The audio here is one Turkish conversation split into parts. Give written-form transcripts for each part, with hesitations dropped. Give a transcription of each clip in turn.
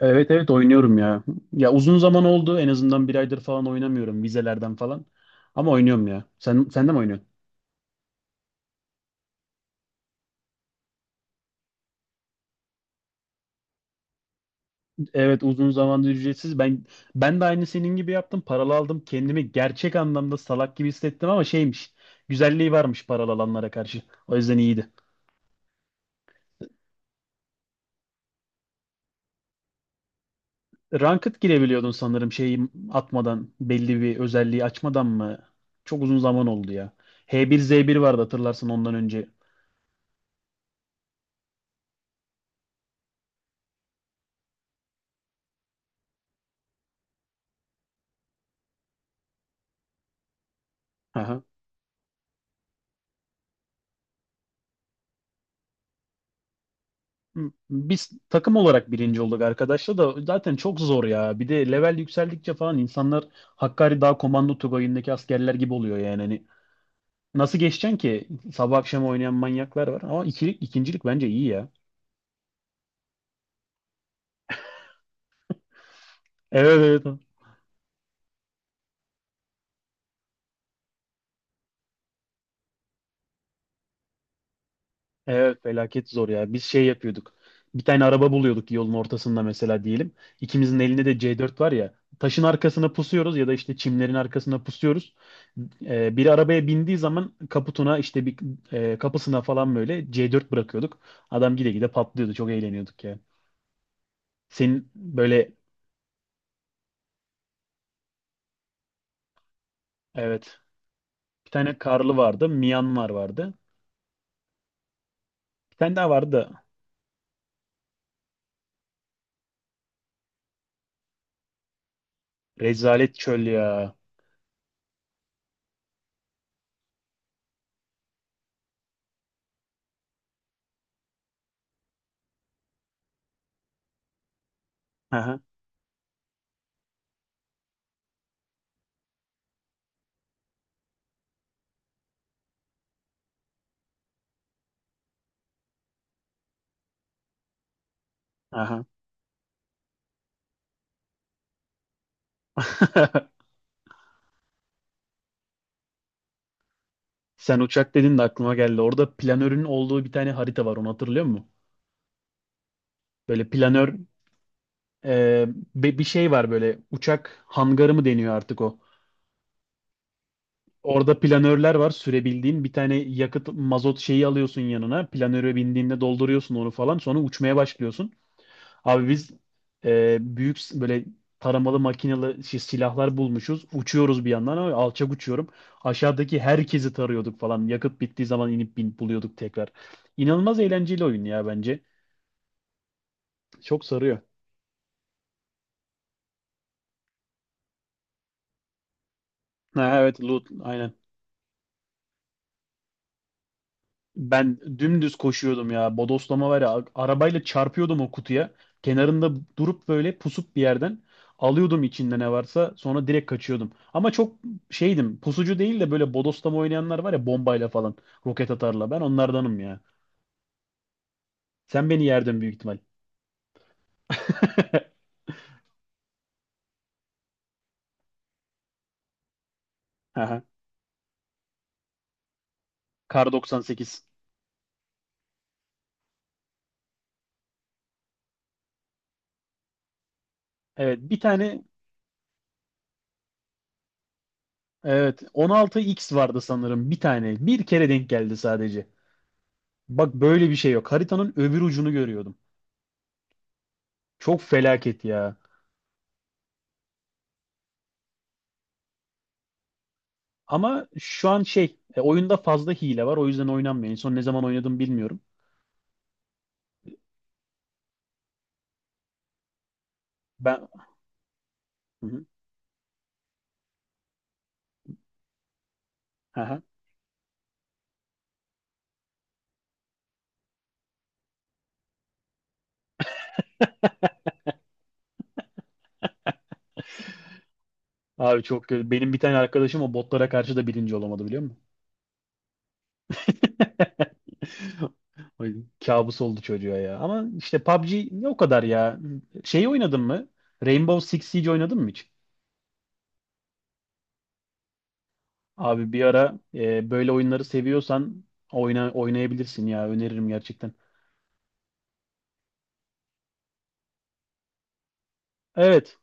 Evet evet oynuyorum ya. Ya uzun zaman oldu. En azından bir aydır falan oynamıyorum vizelerden falan. Ama oynuyorum ya. Sen de mi oynuyorsun? Evet uzun zamandır ücretsiz. Ben de aynı senin gibi yaptım. Paralı aldım. Kendimi gerçek anlamda salak gibi hissettim ama şeymiş. Güzelliği varmış paralı alanlara karşı. O yüzden iyiydi. Ranked girebiliyordun sanırım şeyi atmadan, belli bir özelliği açmadan mı? Çok uzun zaman oldu ya. H bir Z 1 vardı, hatırlarsın ondan önce. Biz takım olarak birinci olduk, arkadaşlar da zaten çok zor ya. Bir de level yükseldikçe falan insanlar Hakkari Dağ Komando Tugayı'ndaki askerler gibi oluyor yani. Hani nasıl geçeceksin ki? Sabah akşam oynayan manyaklar var ama ikilik, ikincilik bence iyi ya. Evet evet. Evet felaket zor ya. Biz şey yapıyorduk. Bir tane araba buluyorduk yolun ortasında mesela diyelim. İkimizin elinde de C4 var ya. Taşın arkasına pusuyoruz ya da işte çimlerin arkasına pusuyoruz. Biri arabaya bindiği zaman kaputuna işte bir kapısına falan böyle C4 bırakıyorduk. Adam gide gide patlıyordu. Çok eğleniyorduk ya. Senin böyle. Evet, bir tane karlı vardı. Myanmar vardı. Bir tane daha vardı da. Rezalet çöl ya. Aha, aha. Sen uçak dedin de aklıma geldi. Orada planörün olduğu bir tane harita var. Onu hatırlıyor musun? Böyle planör, e, bir şey var, böyle uçak hangarı mı deniyor artık o? Orada planörler var sürebildiğin. Bir tane yakıt mazot şeyi alıyorsun yanına. Planöre bindiğinde dolduruyorsun onu falan. Sonra uçmaya başlıyorsun. Abi biz büyük böyle taramalı makinalı şey, silahlar bulmuşuz. Uçuyoruz bir yandan ama alçak uçuyorum. Aşağıdaki herkesi tarıyorduk falan. Yakıt bittiği zaman inip buluyorduk tekrar. İnanılmaz eğlenceli oyun ya bence. Çok sarıyor. Ha, evet, loot aynen. Ben dümdüz koşuyordum ya. Bodoslama var ya. Arabayla çarpıyordum o kutuya. Kenarında durup böyle pusup bir yerden alıyordum içinde ne varsa. Sonra direkt kaçıyordum. Ama çok şeydim. Pusucu değil de böyle bodoslama oynayanlar var ya bombayla falan. Roket atarla. Ben onlardanım ya. Sen beni yerdin büyük ihtimal. Aha. Kar 98. Evet bir tane, evet, 16X vardı sanırım bir tane. Bir kere denk geldi sadece. Bak böyle bir şey yok. Haritanın öbür ucunu görüyordum. Çok felaket ya. Ama şu an şey oyunda fazla hile var, o yüzden oynanmıyor. En son ne zaman oynadım bilmiyorum. Ben. Hı hı. Aha. Abi çok kötü. Benim bir tane arkadaşım o botlara karşı da birinci olamadı biliyor musun? Ay. Kabus oldu çocuğa ya. Ama işte PUBG ne o kadar ya. Şey oynadın mı? Rainbow Six Siege oynadın mı hiç? Abi bir ara böyle oyunları seviyorsan oynayabilirsin ya. Öneririm gerçekten. Evet.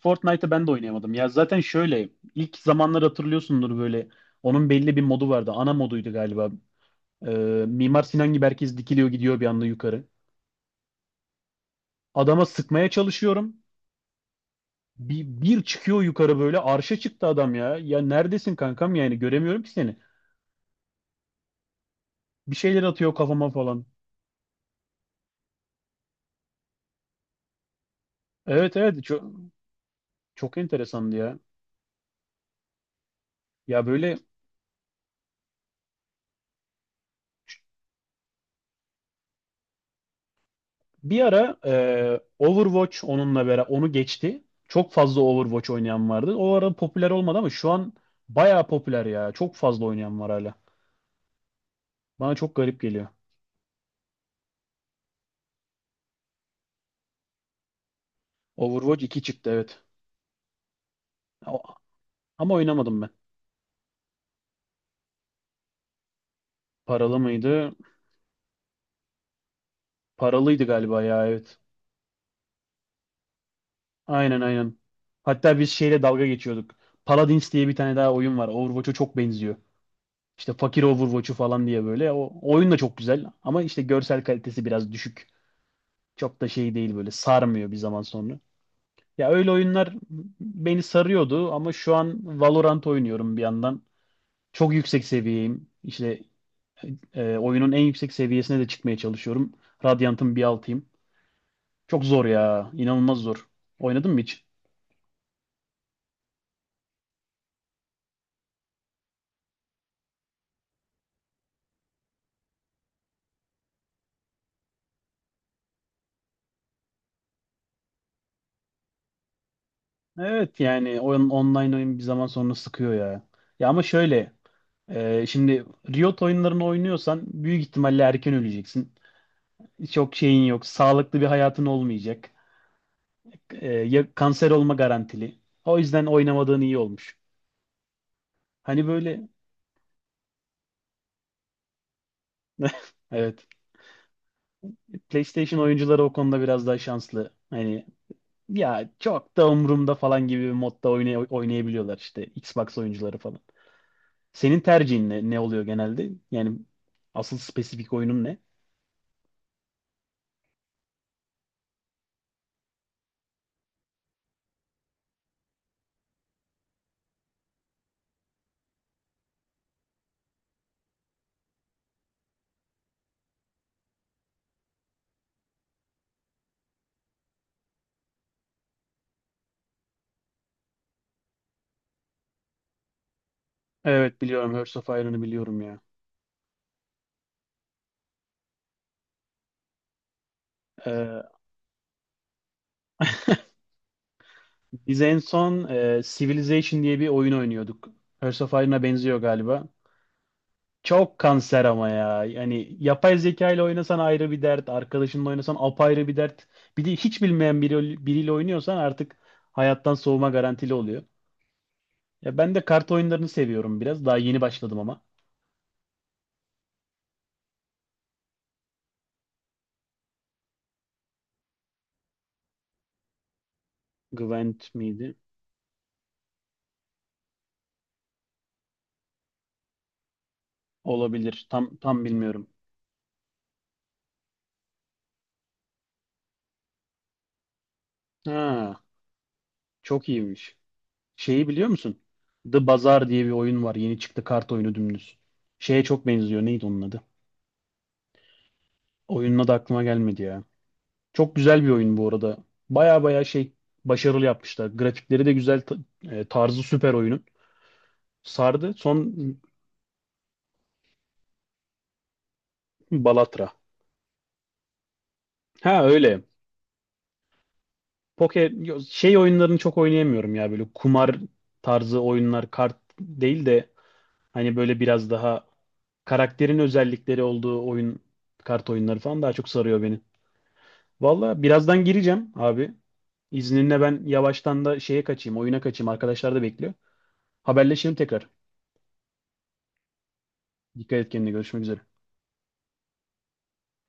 Fortnite'ı ben de oynayamadım. Ya zaten şöyle ilk zamanlar hatırlıyorsundur böyle onun belli bir modu vardı. Ana moduydu galiba. Mimar Sinan gibi herkes dikiliyor gidiyor bir anda yukarı. Adama sıkmaya çalışıyorum. Bir çıkıyor yukarı, böyle arşa çıktı adam ya. Ya neredesin kankam, yani göremiyorum ki seni. Bir şeyler atıyor kafama falan. Evet evet, çok, çok enteresandı ya. Ya böyle. Bir ara Overwatch onunla beraber onu geçti. Çok fazla Overwatch oynayan vardı. O ara popüler olmadı ama şu an bayağı popüler ya. Çok fazla oynayan var hala. Bana çok garip geliyor. Overwatch 2 çıktı, evet. O- Ama oynamadım ben. Paralı mıydı? Paralıydı galiba ya, evet. Aynen aynen. Hatta biz şeyle dalga geçiyorduk. Paladins diye bir tane daha oyun var. Overwatch'a çok benziyor. İşte fakir Overwatch'u falan diye böyle. O oyun da çok güzel ama işte görsel kalitesi biraz düşük. Çok da şey değil, böyle sarmıyor bir zaman sonra. Ya öyle oyunlar beni sarıyordu ama şu an Valorant oynuyorum bir yandan. Çok yüksek seviyeyim. İşte oyunun en yüksek seviyesine de çıkmaya çalışıyorum. Radiant'ın bir altıyım. Çok zor ya. İnanılmaz zor. Oynadın mı hiç? Evet yani oyun, online oyun bir zaman sonra sıkıyor ya. Ya ama şöyle şimdi Riot oyunlarını oynuyorsan büyük ihtimalle erken öleceksin. Çok şeyin yok. Sağlıklı bir hayatın olmayacak. Ya kanser olma garantili. O yüzden oynamadığın iyi olmuş. Hani böyle. Evet, PlayStation oyuncuları o konuda biraz daha şanslı. Hani ya çok da umurumda falan gibi bir modda oynayabiliyorlar işte Xbox oyuncuları falan. Senin tercihin ne, ne oluyor genelde? Yani asıl spesifik oyunun ne? Evet biliyorum, Hearts of Iron'ı biliyorum ya. Ee, biz en son Civilization diye bir oyun oynuyorduk. Hearts of Iron'a benziyor galiba. Çok kanser ama ya. Yani yapay zeka ile oynasan ayrı bir dert, arkadaşınla oynasan apayrı bir dert. Bir de hiç bilmeyen biriyle oynuyorsan artık hayattan soğuma garantili oluyor. Ya ben de kart oyunlarını seviyorum biraz. Daha yeni başladım ama. Gwent miydi? Olabilir. Tam tam bilmiyorum. Ha, çok iyiymiş. Şeyi biliyor musun? The Bazaar diye bir oyun var. Yeni çıktı kart oyunu dümdüz. Şeye çok benziyor. Neydi onun adı? Oyunun adı aklıma gelmedi ya. Çok güzel bir oyun bu arada. Baya baya şey, başarılı yapmışlar. Grafikleri de güzel, tarzı süper oyunun. Sardı. Son. Balatra. Ha öyle. Şey oyunlarını çok oynayamıyorum ya, böyle kumar tarzı oyunlar kart değil de hani böyle biraz daha karakterin özellikleri olduğu oyun, kart oyunları falan daha çok sarıyor beni. Valla birazdan gireceğim abi. İzninle ben yavaştan da şeye kaçayım, oyuna kaçayım. Arkadaşlar da bekliyor. Haberleşelim tekrar. Dikkat et kendine. Görüşmek üzere.